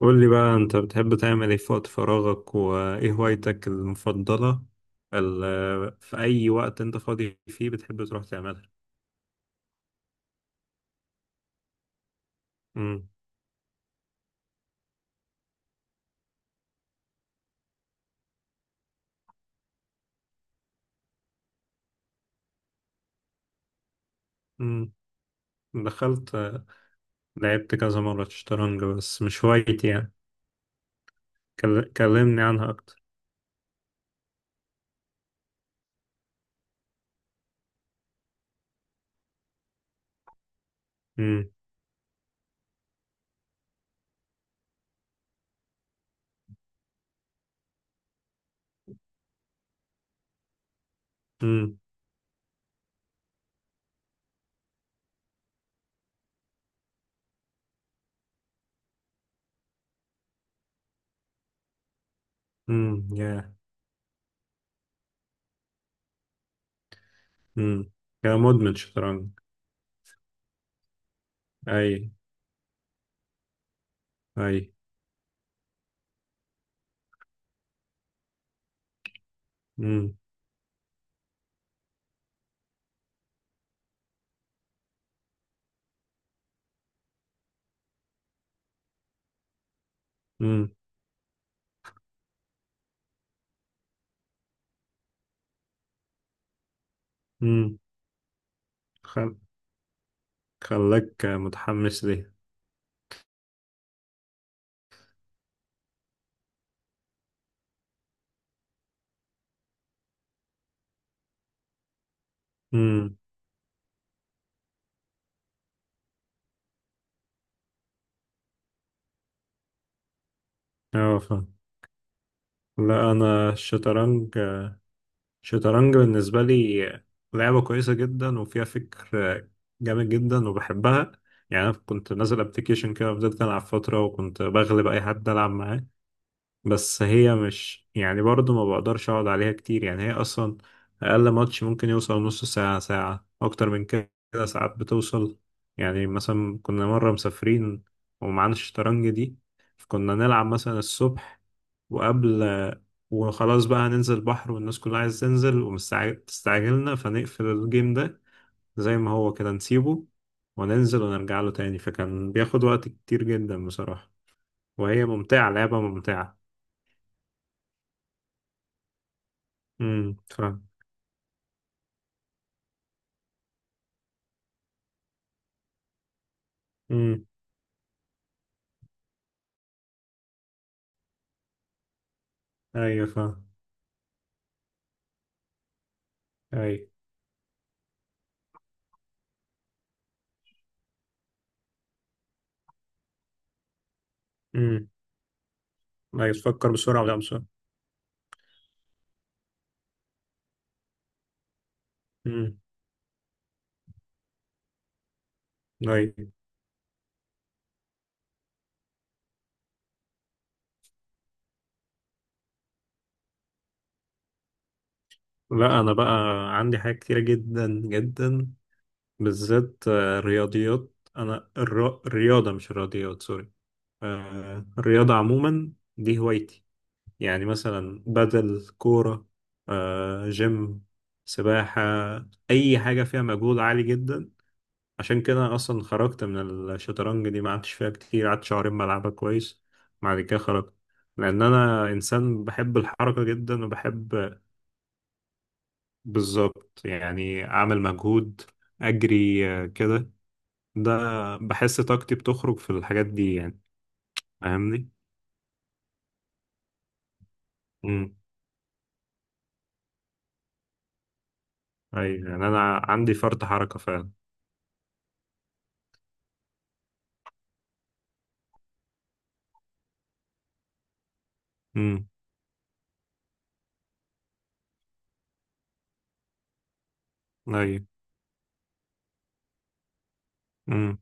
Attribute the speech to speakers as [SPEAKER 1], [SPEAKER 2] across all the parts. [SPEAKER 1] قول لي بقى انت بتحب تعمل ايه في وقت فراغك وايه هوايتك المفضلة؟ في اي وقت انت فاضي فيه بتحب تروح تعملها. امم. امم. دخلت لعبت كذا مرة شطرنج بس مش هوايتي يعني. كلمني عنها اكتر. امم. امم. يا. امم. يا مدمن شطرنج! اي. اي. امم. امم. امم. خل... خلاك متحمس ليه؟ امم. اه فاهم. لا انا الشطرنج. الشطرنج بالنسبة لي لعبة كويسة جدا وفيها فكر جامد جدا وبحبها. يعني أنا كنت نازل أبلكيشن كده فضلت ألعب فترة وكنت بغلب أي حد ألعب معاه. بس هي مش يعني برضه ما بقدرش أقعد عليها كتير، يعني هي أصلا أقل ماتش ممكن يوصل نص ساعة ساعة أكتر من كده. ساعات بتوصل. يعني مثلا كنا مرة مسافرين ومعانا الشطرنج دي، فكنا نلعب مثلا الصبح وقبل، وخلاص بقى هننزل البحر والناس كلها عايز تنزل ومستعجلنا، فنقفل الجيم ده زي ما هو كده نسيبه وننزل ونرجع له تاني، فكان بياخد وقت كتير جدا بصراحة. وهي ممتعة، لعبة ممتعة. امم، فاهم. امم. ايوه فاهم. ايوه. امم ايوه، تفكر بسرعة ولا بسرعة؟ امم. ايوه. لا انا بقى عندي حاجات كتيرة جدا جدا، بالذات آه، رياضيات. انا الرياضة، مش الرياضيات، سوري. آه، الرياضة عموما دي هوايتي. يعني مثلا بدل كورة، آه، جيم، سباحة، أي حاجة فيها مجهود عالي جدا. عشان كده أنا أصلا خرجت من الشطرنج دي، ما قعدتش فيها كتير، قعدت شهرين بلعبها كويس، بعد كده خرجت، لأن أنا إنسان بحب الحركة جدا وبحب. بالظبط، يعني أعمل مجهود، أجري آه، كده. ده بحس طاقتي بتخرج في الحاجات دي يعني. فاهمني؟ ايوه، يعني انا عندي فرط حركة فعلا. امم. ايوه. امم.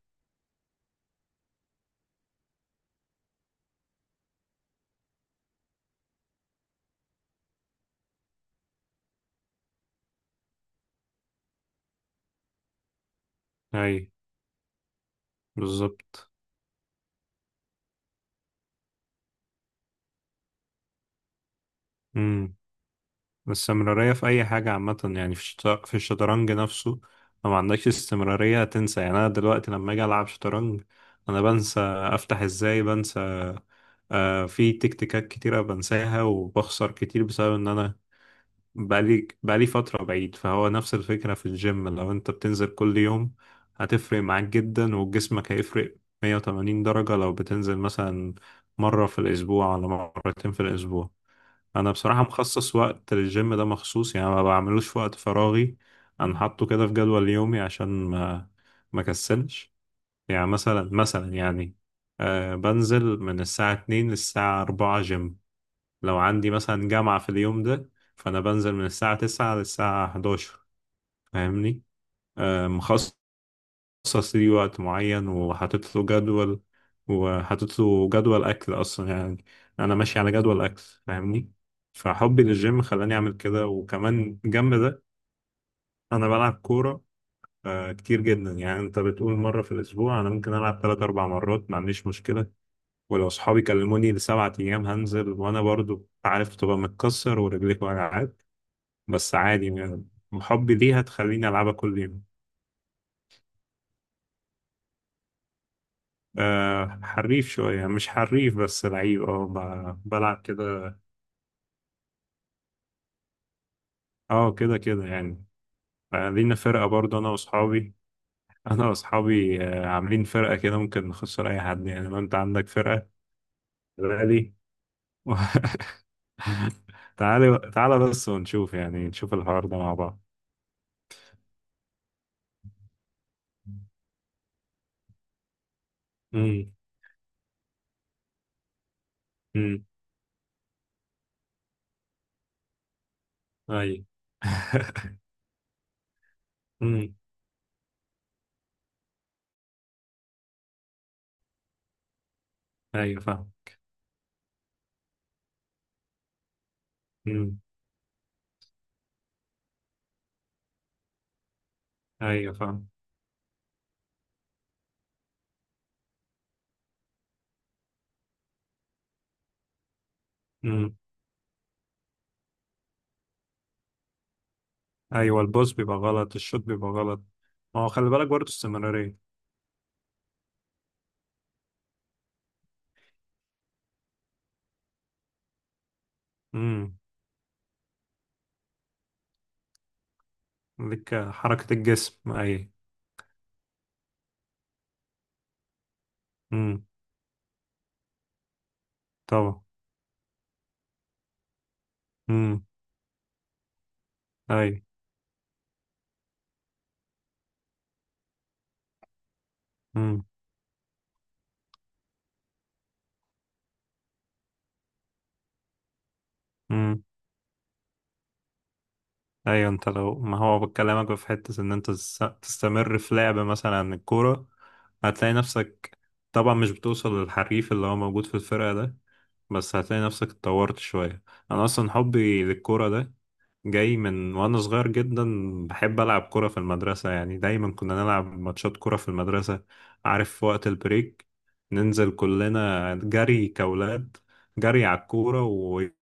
[SPEAKER 1] ايوه. بالظبط. امم. الاستمرارية في اي حاجة عامة، يعني في في الشطرنج نفسه لو ما عندكش استمرارية هتنسى. يعني انا دلوقتي لما اجي العب شطرنج انا بنسى افتح ازاي، بنسى. آه، في تكتيكات كتيرة بنساها وبخسر كتير بسبب ان انا بقالي فترة بعيد. فهو نفس الفكرة في الجيم، لو انت بتنزل كل يوم هتفرق معاك جدا وجسمك هيفرق 180 درجة لو بتنزل مثلا مرة في الأسبوع ولا مرتين في الأسبوع. أنا بصراحة مخصص وقت للجيم ده مخصوص، يعني ما بعملوش في وقت فراغي. أنا حاطه كده في جدول يومي عشان ما كسلش. يعني مثلا يعني، آه بنزل من الساعة 2 للساعة 4 جيم. لو عندي مثلا جامعة في اليوم ده فأنا بنزل من الساعة 9 للساعة 11، فاهمني؟ آه، مخصص ليه وقت معين وحاطط له جدول أكل أصلا يعني. أنا ماشي على جدول أكل، فاهمني. فحبي للجيم خلاني أعمل كده. وكمان جنب ده أنا بلعب كورة آه، كتير جدا. يعني أنت بتقول مرة في الأسبوع، أنا ممكن ألعب تلات أربع مرات ما عنديش مشكلة. ولو صحابي كلموني لسبعة أيام هنزل، وأنا برضو عارف تبقى متكسر ورجليك وجعات، بس عادي يعني. حبي ليها تخليني ألعبها كل يوم. أه حريف شوية، مش حريف بس لعيب، اه بلعب كده. اه، كده كده يعني. آه، لينا فرقة برضه أنا وأصحابي آه، عاملين فرقة كده ممكن نخسر أي حد، يعني لو أنت عندك فرقة. تعالي. تعالى تعالى بس ونشوف، يعني نشوف الحوار ده مع بعض. امم. امم. أيوة. امم. أيوة فاهم. امم. أيوة فاهم. ايوه، البوز بيبقى غلط، الشوت بيبقى غلط. ما هو خلي بالك برضه استمرارية. امم. لك حركة الجسم اي. امم. طبعا. امم. اي. امم. امم. ايوه، انت لو، ما هو بكلمك في حتة ان انت تستمر في لعب مثلا عن الكورة، هتلاقي نفسك طبعا مش بتوصل للحريف اللي هو موجود في الفرقة ده، بس هتلاقي نفسك اتطورت شوية. انا اصلا حبي للكورة ده جاي من وانا صغير جدا. بحب العب كرة في المدرسة، يعني دايما كنا نلعب ماتشات كرة في المدرسة، عارف في وقت البريك، ننزل كلنا جري كأولاد، جري على الكورة، ويلا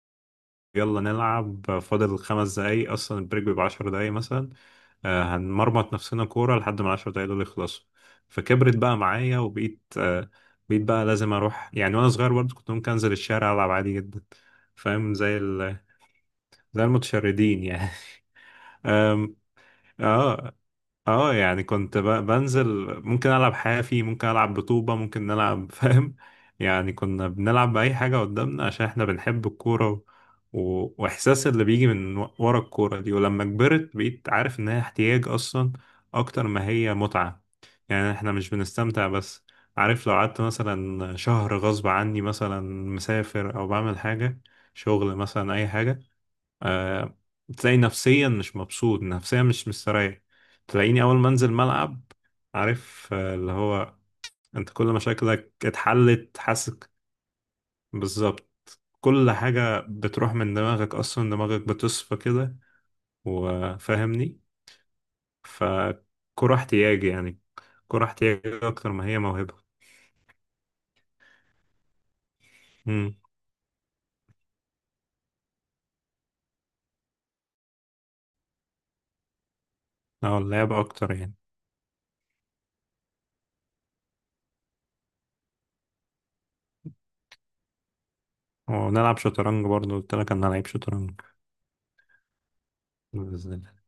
[SPEAKER 1] نلعب. فاضل 5 دقايق اصلا، البريك بيبقى 10 دقايق مثلا، آه، هنمرمط نفسنا كورة لحد ما ال10 دقايق دول يخلصوا. فكبرت بقى معايا وبقيت آه، بقى لازم اروح، يعني وانا صغير برضه كنت ممكن انزل الشارع العب عادي جدا، فاهم زي زي المتشردين يعني. اه اه، يعني كنت بنزل، ممكن العب حافي، ممكن العب بطوبة، ممكن نلعب، فاهم. يعني كنا بنلعب بأي حاجة قدامنا عشان احنا بنحب الكورة واحساس اللي بيجي من ورا الكورة دي. ولما كبرت بقيت عارف ان هي احتياج اصلا اكتر ما هي متعة. يعني احنا مش بنستمتع بس، عارف. لو قعدت مثلا شهر غصب عني، مثلا مسافر او بعمل حاجة شغل مثلا، اي حاجة، آه، تلاقي نفسيا مش مبسوط، نفسيا مش مستريح. تلاقيني أول ما أنزل ملعب، عارف، آه، اللي هو أنت كل مشاكلك اتحلت، حاسس. بالظبط. كل حاجة بتروح من دماغك، أصلا دماغك بتصفى كده، وفاهمني فكرة احتياجي يعني، كرة احتياجي أكتر ما هي موهبة. امم. أو اللعب أكتر يعني. ونلعب شطرنج برضه، قلت لك أنا لعيب شطرنج. بإذن الله.